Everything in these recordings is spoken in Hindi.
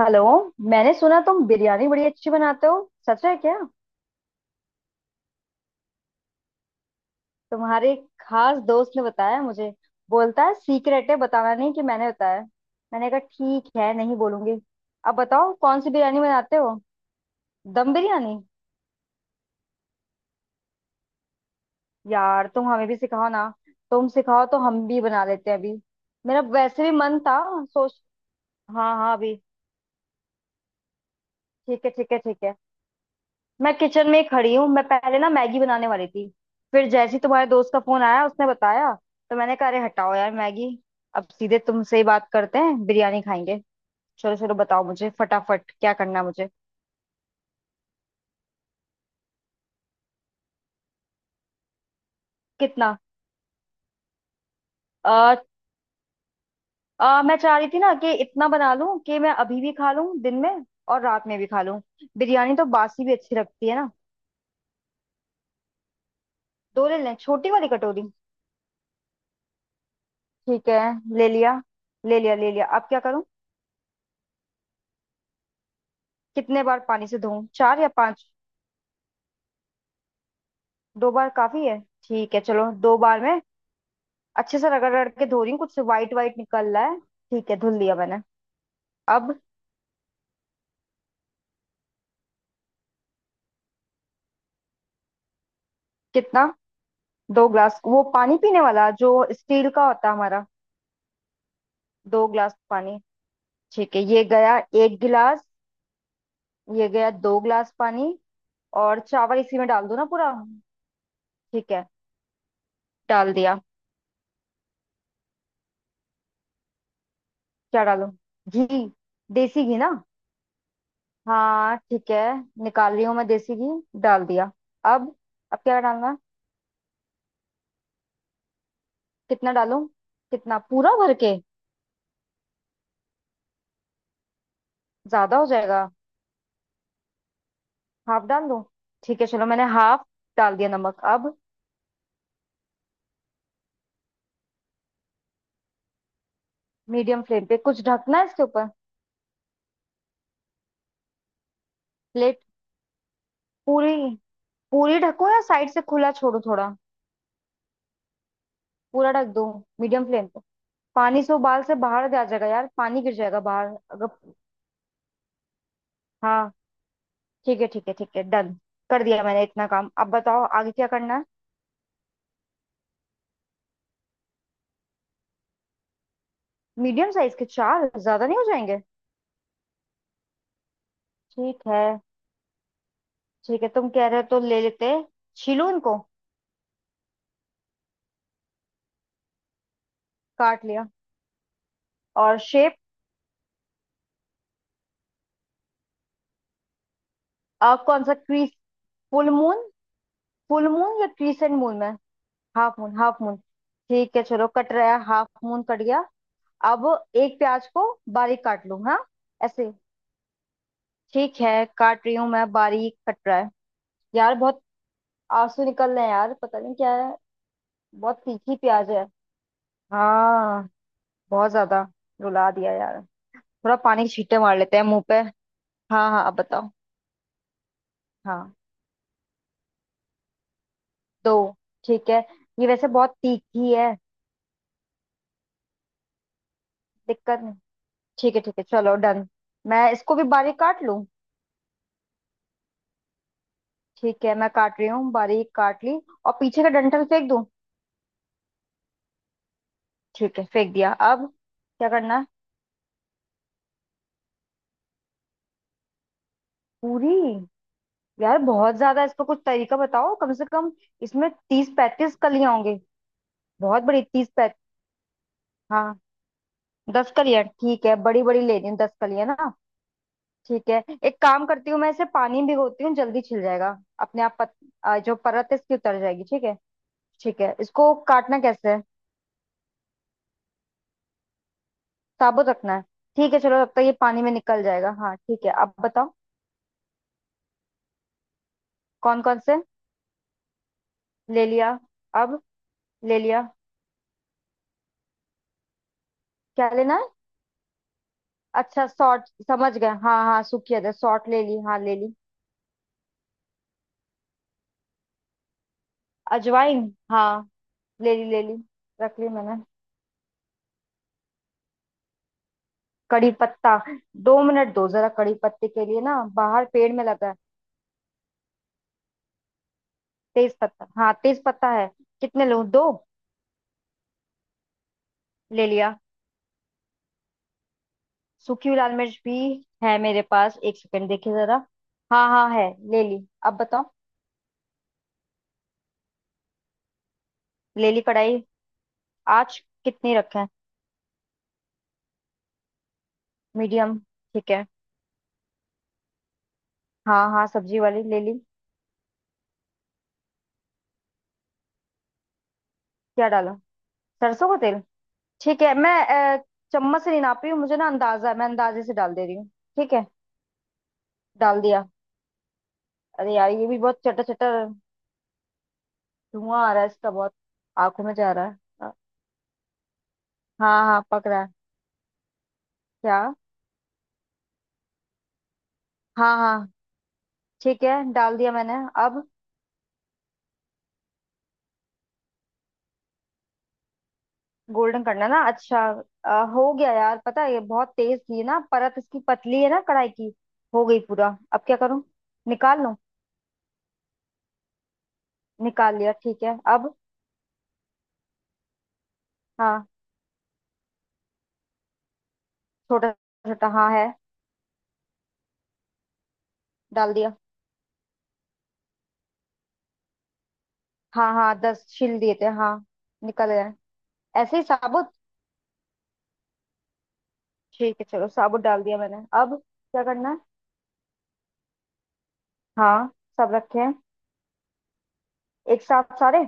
हेलो। मैंने सुना तुम बिरयानी बड़ी अच्छी बनाते हो। सच है क्या। तुम्हारे एक खास दोस्त ने बताया मुझे। बोलता है सीक्रेट है बताना नहीं कि मैंने बताया। मैंने कहा ठीक है नहीं बोलूंगी। अब बताओ कौन सी बिरयानी बनाते हो। दम बिरयानी। यार तुम हमें भी सिखाओ ना। तुम सिखाओ तो हम भी बना लेते हैं अभी। मेरा वैसे भी मन था। सोच। हाँ हाँ अभी। ठीक है ठीक है ठीक है। मैं किचन में ही खड़ी हूँ, मैं पहले ना मैगी बनाने वाली थी। फिर जैसे ही तुम्हारे दोस्त का फोन आया उसने बताया। तो मैंने कहा अरे हटाओ यार मैगी। अब सीधे तुमसे ही बात करते हैं, बिरयानी खाएंगे। चलो चलो बताओ मुझे फटाफट क्या करना है मुझे। कितना। आ, आ, मैं चाह रही थी ना कि इतना बना लूं कि मैं अभी भी खा लूं दिन में और रात में भी खा लूं। बिरयानी तो बासी भी अच्छी लगती है ना। दो ले लें छोटी वाली कटोरी। ठीक है ले लिया। ले लिया ले लिया अब क्या करूं। कितने बार पानी से धोऊं, चार या पांच। दो बार काफी है। ठीक है चलो दो बार में। अच्छे से रगड़ रगड़ के धो रही हूँ, कुछ वाइट वाइट निकल रहा है। ठीक है धुल लिया मैंने। अब। कितना। दो ग्लास, वो पानी पीने वाला जो स्टील का होता है हमारा। दो ग्लास पानी। ठीक है ये गया एक गिलास। ये गया दो गिलास पानी। और चावल इसी में डाल दो ना पूरा। ठीक है डाल दिया। क्या डालूं। घी। देसी घी ना। हाँ ठीक है, निकाल रही हूँ मैं, देसी घी डाल दिया अब। अब क्या डालना है? कितना डालूं। कितना, पूरा भर के। ज्यादा हो जाएगा। हाफ डाल दूं। ठीक है चलो मैंने हाफ डाल दिया नमक अब। मीडियम फ्लेम पे कुछ ढकना है इसके ऊपर। प्लेट। पूरी। पूरी ढकूं या साइड से खुला छोड़ू थोड़ा। पूरा ढक दूं। मीडियम फ्लेम पे। पानी से उबाल से बाहर आ जाएगा यार, पानी गिर जाएगा बाहर अगर। हाँ ठीक है ठीक है ठीक है डन। कर दिया मैंने इतना काम, अब बताओ आगे क्या करना है। मीडियम साइज के चार, ज्यादा नहीं हो जाएंगे। ठीक है ठीक है तुम कह रहे हो तो ले लेते हैं। छीलूं इनको। काट लिया। और शेप। अब कौन सा crease. Full moon. Full moon या क्रीसेंट मून में। Half moon half moon. ठीक है चलो कट रहा है, हाफ मून कट गया। अब एक प्याज को बारीक काट लूं हाँ। ऐसे। ठीक है काट रही हूँ मैं, बारीक कट रहा है। यार बहुत आंसू निकल रहे हैं यार, पता नहीं क्या है। बहुत तीखी प्याज है। हाँ बहुत ज्यादा रुला दिया यार। थोड़ा पानी के छींटे मार लेते हैं मुंह पे। हाँ हाँ अब बताओ। हाँ दो। ठीक है ये वैसे बहुत तीखी है। दिक्कत नहीं। ठीक है ठीक है चलो डन। मैं इसको भी बारीक काट लूं। ठीक है मैं काट रही हूँ, बारीक काट ली। और पीछे का डंठल फेंक दूँ। ठीक है फेंक दिया अब क्या करना है। पूरी। यार बहुत ज्यादा है, इसका कुछ तरीका बताओ कम से कम। इसमें तीस पैंतीस कलियां होंगी। बहुत बड़ी तीस पैंत हाँ। दस कलियां ठीक है, बड़ी बड़ी ले रही हूँ दस कलियां ना। ठीक है एक काम करती हूँ, मैं इसे पानी में भिगोती हूँ जल्दी छिल जाएगा अपने आप। जो परत है इसकी उतर जाएगी ठीक है। ठीक है इसको काटना कैसे है। साबुत रखना है। ठीक है चलो, तब तक ये पानी में निकल जाएगा। हाँ ठीक है अब बताओ। कौन कौन से। ले लिया अब। ले लिया। क्या लेना है। अच्छा सॉर्ट। समझ गए हाँ हाँ, सूखी अदरक सॉर्ट ले ली, हाँ ले ली। अजवाइन हाँ। ले ली ले ली, रख ली मैंने। कड़ी पत्ता। दो मिनट दो जरा, कड़ी पत्ते के लिए ना बाहर पेड़ में लगा है। तेज पत्ता, हाँ तेज पत्ता है। कितने लूं, दो। ले लिया। सूखी हुई लाल मिर्च भी है मेरे पास, एक सेकंड देखिए जरा। हाँ हाँ है, ले ली अब बताओ। ले ली कढ़ाई। आज। कितनी रखें। मीडियम। ठीक है हाँ हाँ, सब्जी वाली ले ली। क्या डाला। सरसों का तेल। ठीक है मैं अ, चम्मच से नहीं नाप रही हूँ, मुझे ना अंदाजा है, मैं अंदाजे से डाल दे रही हूँ। ठीक है डाल दिया। अरे यार ये भी बहुत चटर चटर, धुआं आ रहा है इसका बहुत। आंखों में जा रहा है। अ, हाँ हाँ पक रहा है। क्या हाँ हाँ ठीक है डाल दिया मैंने अब। गोल्डन करना है ना, अच्छा। हो गया यार, पता है ये बहुत तेज थी ना, परत इसकी पतली है ना कढ़ाई की। हो गई पूरा, अब क्या करूँ। निकाल लूं। निकाल लिया ठीक है अब। हाँ छोटा छोटा, हाँ है। डाल दिया। हाँ हाँ दस छील दिए थे हाँ। निकल गए, ऐसे ही साबुत। ठीक है चलो साबुत डाल दिया मैंने अब। क्या करना है। हाँ सब रखे हैं। एक साथ सारे।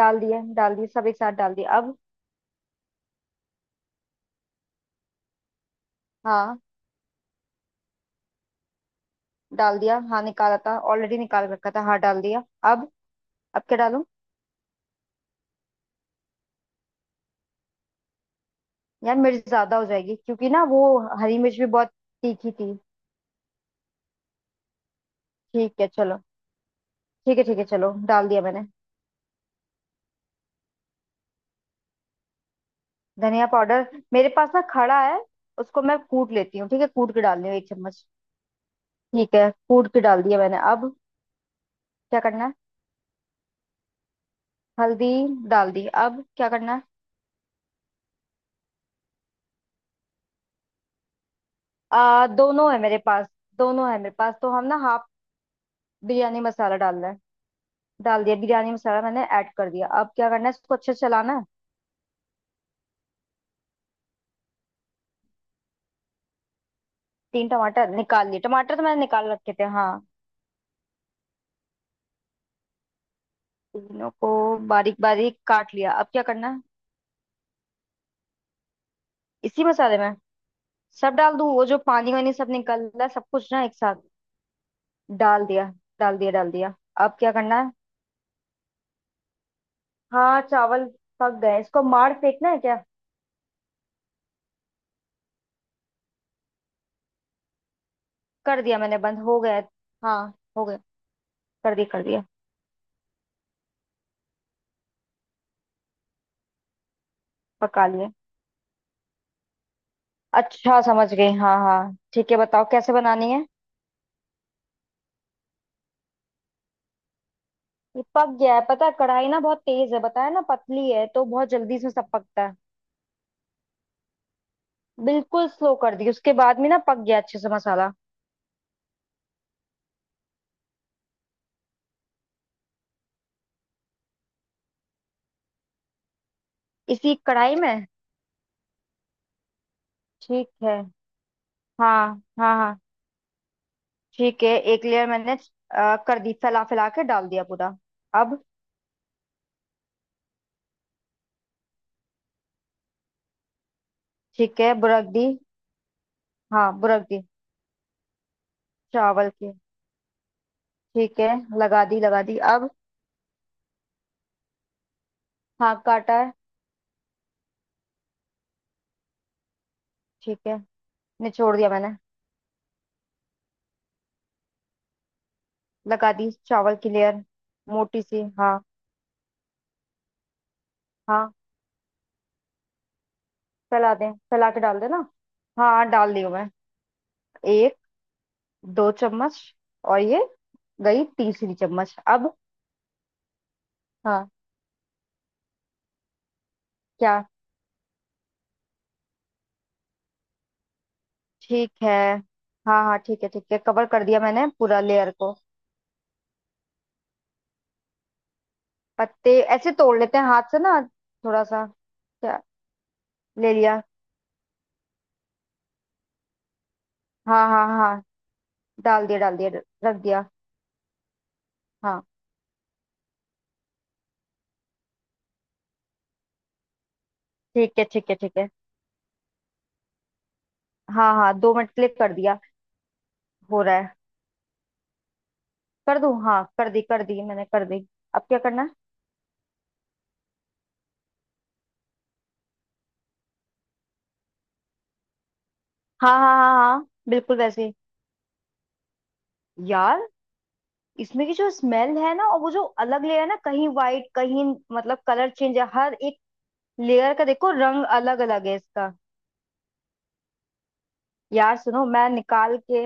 डाल दिए डाल दिए, सब एक साथ डाल दिए अब। हाँ डाल दिया, हाँ निकाला था ऑलरेडी, निकाल रखा था हाँ डाल दिया। अब। अब क्या डालूं। यार मिर्च ज्यादा हो जाएगी क्योंकि ना वो हरी मिर्च भी बहुत तीखी थी। ठीक है चलो ठीक है चलो डाल दिया मैंने। धनिया पाउडर मेरे पास ना खड़ा है, उसको मैं कूट लेती हूँ, ठीक है कूट के डाल रही हूँ एक चम्मच। ठीक है कूट के डाल दिया मैंने, अब क्या करना है। हल्दी डाल दी, अब क्या करना है। दोनों है मेरे पास, दोनों है मेरे पास तो हम ना हाफ। बिरयानी मसाला डालना है। डाल दिया बिरयानी मसाला, मैंने ऐड कर दिया, अब क्या करना है, इसको अच्छे से चलाना है। तीन टमाटर निकाल लिए, टमाटर तो मैंने निकाल रखे थे हाँ। तीनों को बारीक बारीक काट लिया, अब क्या करना है। इसी मसाले में सब डाल दूं, वो जो पानी वानी सब निकल रहा है सब कुछ ना एक साथ। डाल दिया डाल दिया डाल दिया। अब क्या करना है। हाँ चावल पक गए, इसको मार फेंकना है क्या। कर दिया मैंने बंद हो गया। हाँ हो गया। कर दिया कर दिया। पका लिए। अच्छा समझ गई, हाँ हाँ ठीक है बताओ कैसे बनानी है। ये पक गया है, पता है कढ़ाई ना बहुत तेज है, बताया ना पतली है तो बहुत जल्दी से सब पकता है। बिल्कुल स्लो कर दी, उसके बाद में ना पक गया अच्छे से मसाला। इसी कढ़ाई में ठीक है। हाँ हाँ हाँ। ठीक है एक लेयर मैंने कर दी, फैला फैला के डाल दिया पूरा अब। ठीक है बुरक दी। हाँ बुरक दी चावल की, ठीक है लगा दी अब। हाँ काटा। ठीक है निचोड़ दिया मैंने। लगा दी चावल की लेयर। मोटी सी हाँ। हाँ फैला दें, फैला के डाल देना। हाँ डाल दी मैं एक, दो चम्मच, और ये गई तीसरी चम्मच अब। हाँ क्या ठीक है, हाँ हाँ ठीक है कवर कर दिया मैंने पूरा लेयर को। पत्ते ऐसे तोड़ लेते हैं हाथ से ना, थोड़ा सा। क्या। ले लिया, हाँ हाँ हाँ डाल दिया रख दिया। हाँ ठीक है ठीक है ठीक है। हाँ हाँ दो मिनट क्लिक कर दिया, हो रहा है। कर दूं, हाँ कर दी मैंने कर दी। अब क्या करना है। हाँ हाँ हाँ हाँ बिल्कुल वैसे ही। यार इसमें की जो स्मेल है ना, और वो जो अलग लेयर है ना, कहीं वाइट कहीं, मतलब कलर चेंज है हर एक लेयर का, देखो रंग अलग अलग है इसका। यार सुनो मैं निकाल के।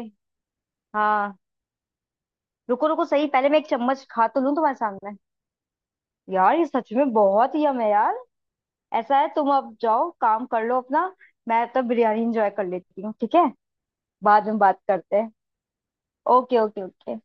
हाँ रुको रुको, सही पहले मैं एक चम्मच खा तो लूं तुम्हारे सामने। यार ये सच में बहुत ही यम है यार। ऐसा है तुम अब जाओ काम कर लो अपना, मैं तब बिरयानी एंजॉय कर लेती हूँ ठीक है। बाद में बात करते हैं। Okay okay okay.